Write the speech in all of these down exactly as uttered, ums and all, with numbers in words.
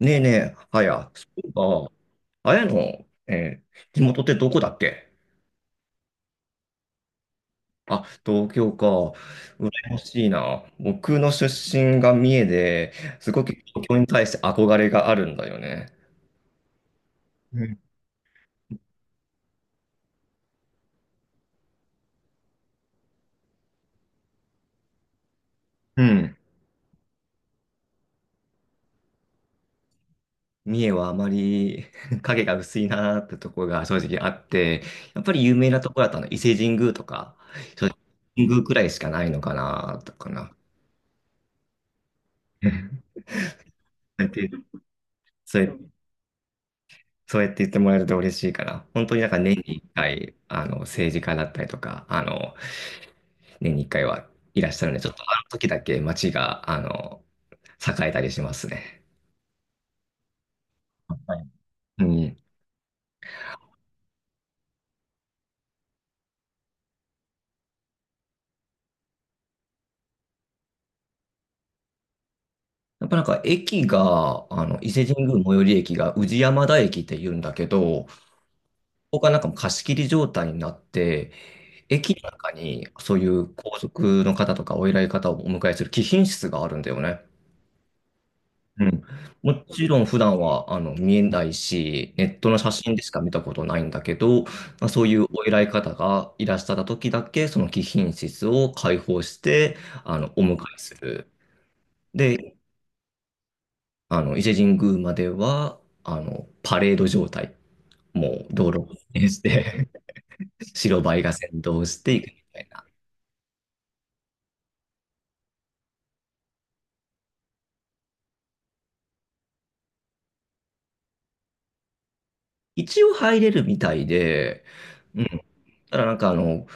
ねえねえ、はや、そういえば、あやの、えー地元ってどこだっけ？あ、東京か。羨ましいな。僕の出身が三重で、すごく東京に対して憧れがあるんだよね。うん。うん。三重はあまり 影が薄いなーってところが正直あって、やっぱり有名なところだったの、伊勢神宮とか、正直神宮くらいしかないのかな、とかな。うん。そうやってそうやっそうやって言ってもらえると嬉しいから、本当になんか年にいっかい、あの、政治家だったりとか、あの、年にいっかいはいらっしゃるので、ちょっとあの時だけ街が、あの、栄えたりしますね。はい。うん。やっぱなんか駅が、あの、伊勢神宮最寄り駅が宇治山田駅って言うんだけど、ここがなんかもう貸し切り状態になって、駅の中にそういう皇族の方とかお偉い方をお迎えする貴賓室があるんだよね。うん。もちろん普段はあの見えないし、ネットの写真でしか見たことないんだけど、まあ、そういうお偉い方がいらっしゃった時だけ、その貴賓室を開放して、あの、お迎えする。で、あの、伊勢神宮までは、あの、パレード状態。もう道路を固定して 白バイが先導していくみたいな。一応入れるみたいで、うん。ただなんかあの、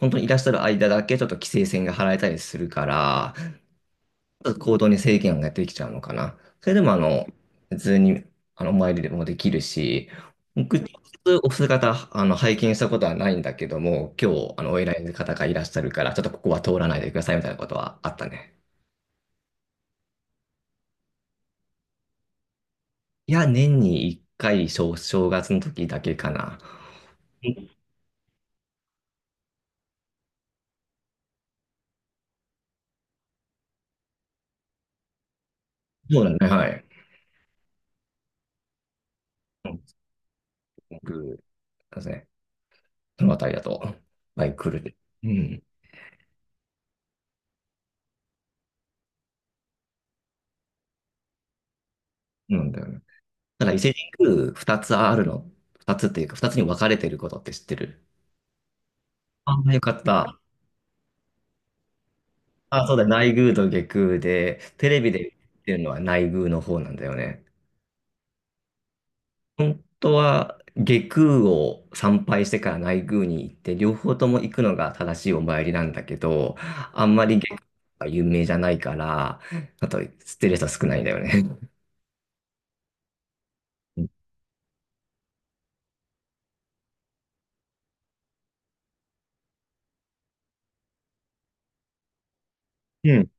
本当にいらっしゃる間だけちょっと規制線が張られたりするから、行動に制限ができちゃうのかな。それでも、あの、普通に、あの、お参りでもできるし、僕、直接お姿、あの、拝見したことはないんだけども、今日、あの、お偉い方がいらっしゃるから、ちょっとここは通らないでくださいみたいなことはあったね。いや、年にいっかい、正、正月の時だけかな。そうだね、はい。うん、すごく、そうですね。そのあたりだと、バイク来る。うん。なんだよね。ただ、伊勢神宮二つあるの、二つっていうか、二つに分かれてることって知ってる？あ、よかった。あ、そうだよ、内宮と外宮で、テレビで言ってるのは内宮の方なんだよね。本当は外宮を参拝してから内宮に行って、両方とも行くのが正しいお参りなんだけど、あんまり外宮が有名じゃないから、あと知ってる人少ないんだよね。うんうん。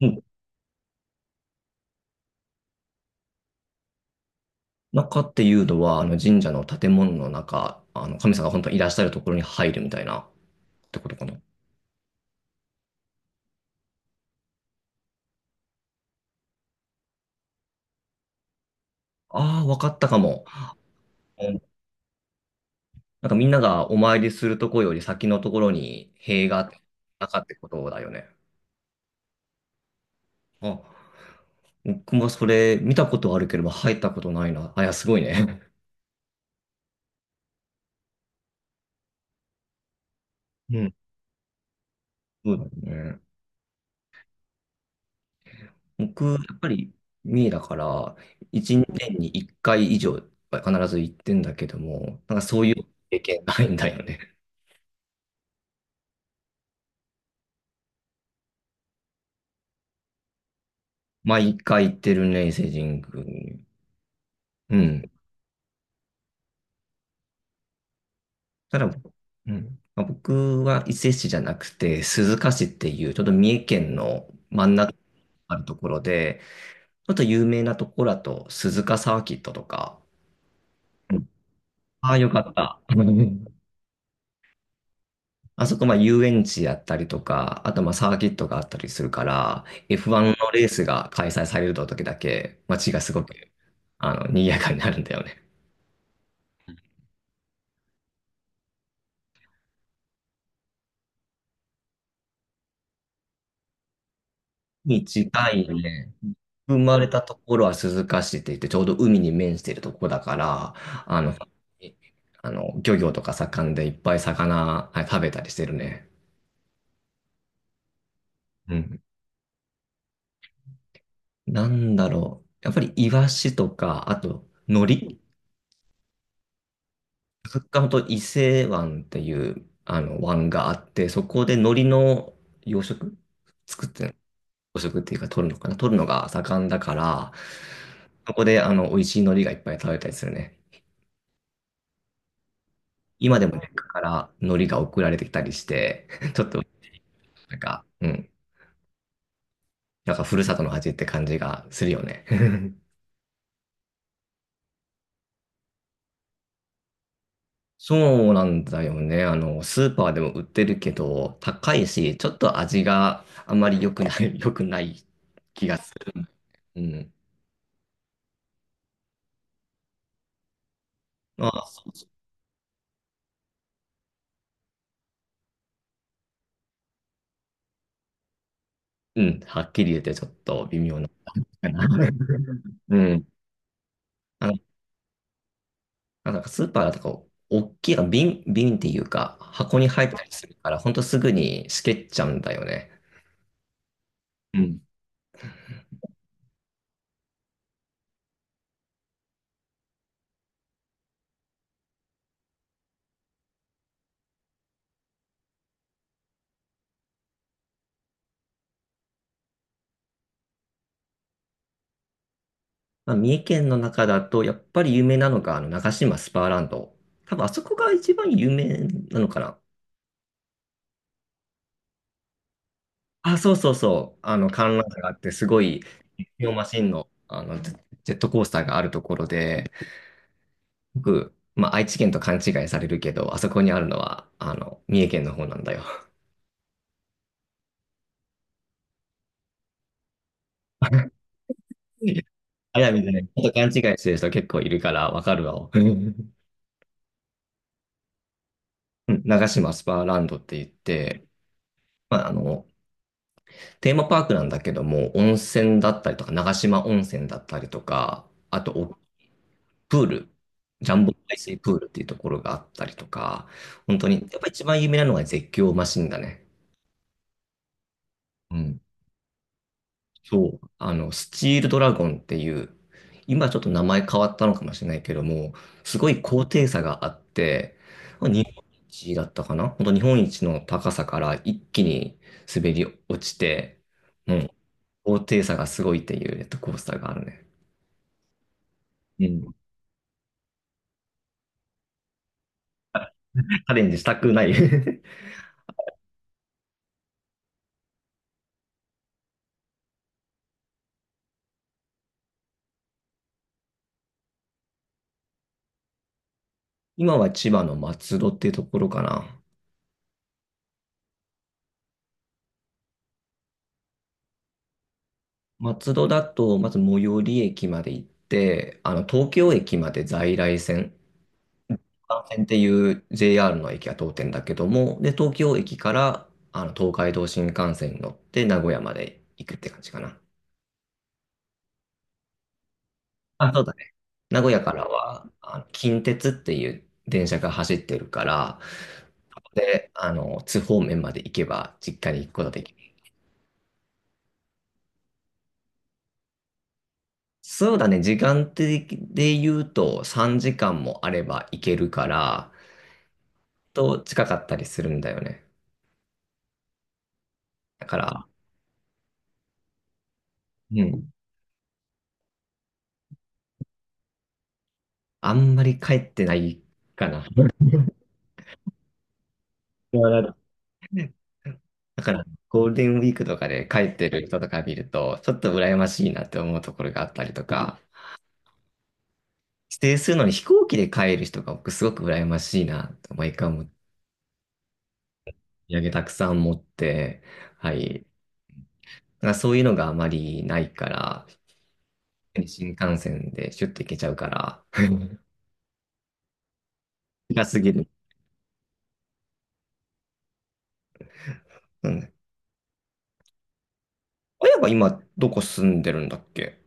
うん。中っていうのは、あの神社の建物の中、あの神様が本当にいらっしゃるところに入るみたいなってことかな。ああ、わかったかも。なんかみんながお参りするとこより先のところに塀があってなかってことだよね。あ、僕もそれ見たことあるけれど入ったことないな。あ、いや、すごいね。うん。そうだね。僕、やっぱり三重だから、一年に一回以上は必ず行ってんだけども、なんかそういう経験ないんだよね。毎回行ってるね、伊勢神宮に。うん。ただ、うん。まあ僕は伊勢市じゃなくて、鈴鹿市っていう、ちょっと三重県の真ん中あるところで、あと有名なところだと、鈴鹿サーキットとか、うん。ああ、よかった。うん。あそこ、まあ、遊園地やったりとか、あと、まあ、サーキットがあったりするから、エフワン のレースが開催される時だけ、街がすごく、あの、賑やかになるんだよね。に近いね。生まれたところは鈴鹿市って言って、ちょうど海に面しているところだから、あの、あの、漁業とか盛んでいっぱい魚、はい、食べたりしてるね。うん。なんだろう。やっぱりイワシとか、あと、海苔。カッカンと伊勢湾っていう、あの、湾があって、そこで海苔の養殖作って養殖っていうか取るのかな取るのが盛んだから、そこで、あの、美味しい海苔がいっぱい食べたりするね。今でも実家から海苔が送られてきたりして、ちょっと、なんか、うん、なんかふるさとの味って感じがするよね。そうなんだよね。あの、スーパーでも売ってるけど、高いし、ちょっと味があまり良くない、良くない気がする。うん。まあ、そうそう。うん、はっきり言ってちょっと微妙なかな。うん。あの、なんかスーパーだとこう、大きいあ瓶、瓶っていうか、箱に入ったりするから、ほんとすぐにしけっちゃうんだよね。うん。まあ、三重県の中だと、やっぱり有名なのが、あの、長島スパーランド。多分、あそこが一番有名なのかな。あ、そうそうそう。あの、観覧車があって、すごい、実況マシンの、あの、ジェジェットコースターがあるところで、僕、まあ、愛知県と勘違いされるけど、あそこにあるのは、あの、三重県の方なんだよ。あやみでね、ちょっと勘違いしてる人結構いるから、わかるわ。うん。長島スパーランドって言って、まあ、あの、テーマパークなんだけども、温泉だったりとか、長島温泉だったりとか、あとおプール、ジャンボ海水プールっていうところがあったりとか、本当に、やっぱ一番有名なのが絶叫マシンだね。うん。そう、あの、スチールドラゴンっていう、今ちょっと名前変わったのかもしれないけども、すごい高低差があって、日本一だったかな本当日本一の高さから一気に滑り落ちて、うん、高低差がすごいっていうジェットコースターがあるね。うん。チャレンジしたくない。 今は千葉の松戸っていうところかな。松戸だと、まず最寄り駅まで行って、あの、東京駅まで在来線、関線っていう ジェイアール の駅が通ってんだけども、で、東京駅から、あの、東海道新幹線に乗って名古屋まで行くって感じかな。あ、そうだ。名古屋からは、あの近鉄っていう電車が走ってるから、そこで、あの、津方面まで行けば実家に行くことができる。そうだね、時間的で言うとさんじかんもあれば行けるから、と近かったりするんだよね。だから、うん、あんまり帰ってないかな。だから、ゴールデンウィークとかで帰ってる人とか見ると、ちょっと羨ましいなって思うところがあったりとか、指定するのに飛行機で帰る人が僕すごく羨ましいなと、毎回思って、お土産たくさん持って、はい。なんかそういうのがあまりないから、新幹線でシュッと行けちゃうから、近すぎる。うん。親が今どこ住んでるんだっけ？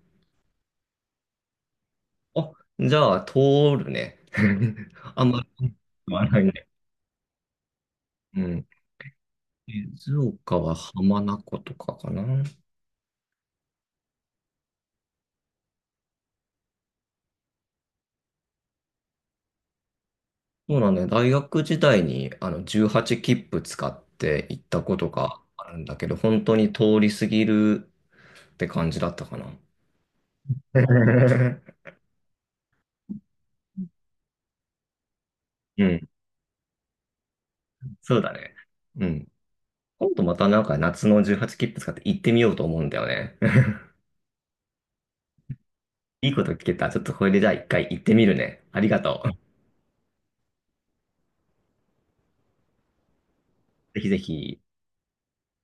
あ、じゃあ通るね。あんまり変らないね。うん。静岡は浜名湖とかかな。そうなんだよ。大学時代にあのじゅうはち切符使って行ったことがあるんだけど、本当に通り過ぎるって感じだったかな。うん。そうだね。うん。今度またなんか夏のじゅうはち切符使って行ってみようと思うんだよね。いいこと聞けた。ちょっとこれでじゃあ一回行ってみるね。ありがとう。ぜひぜひ。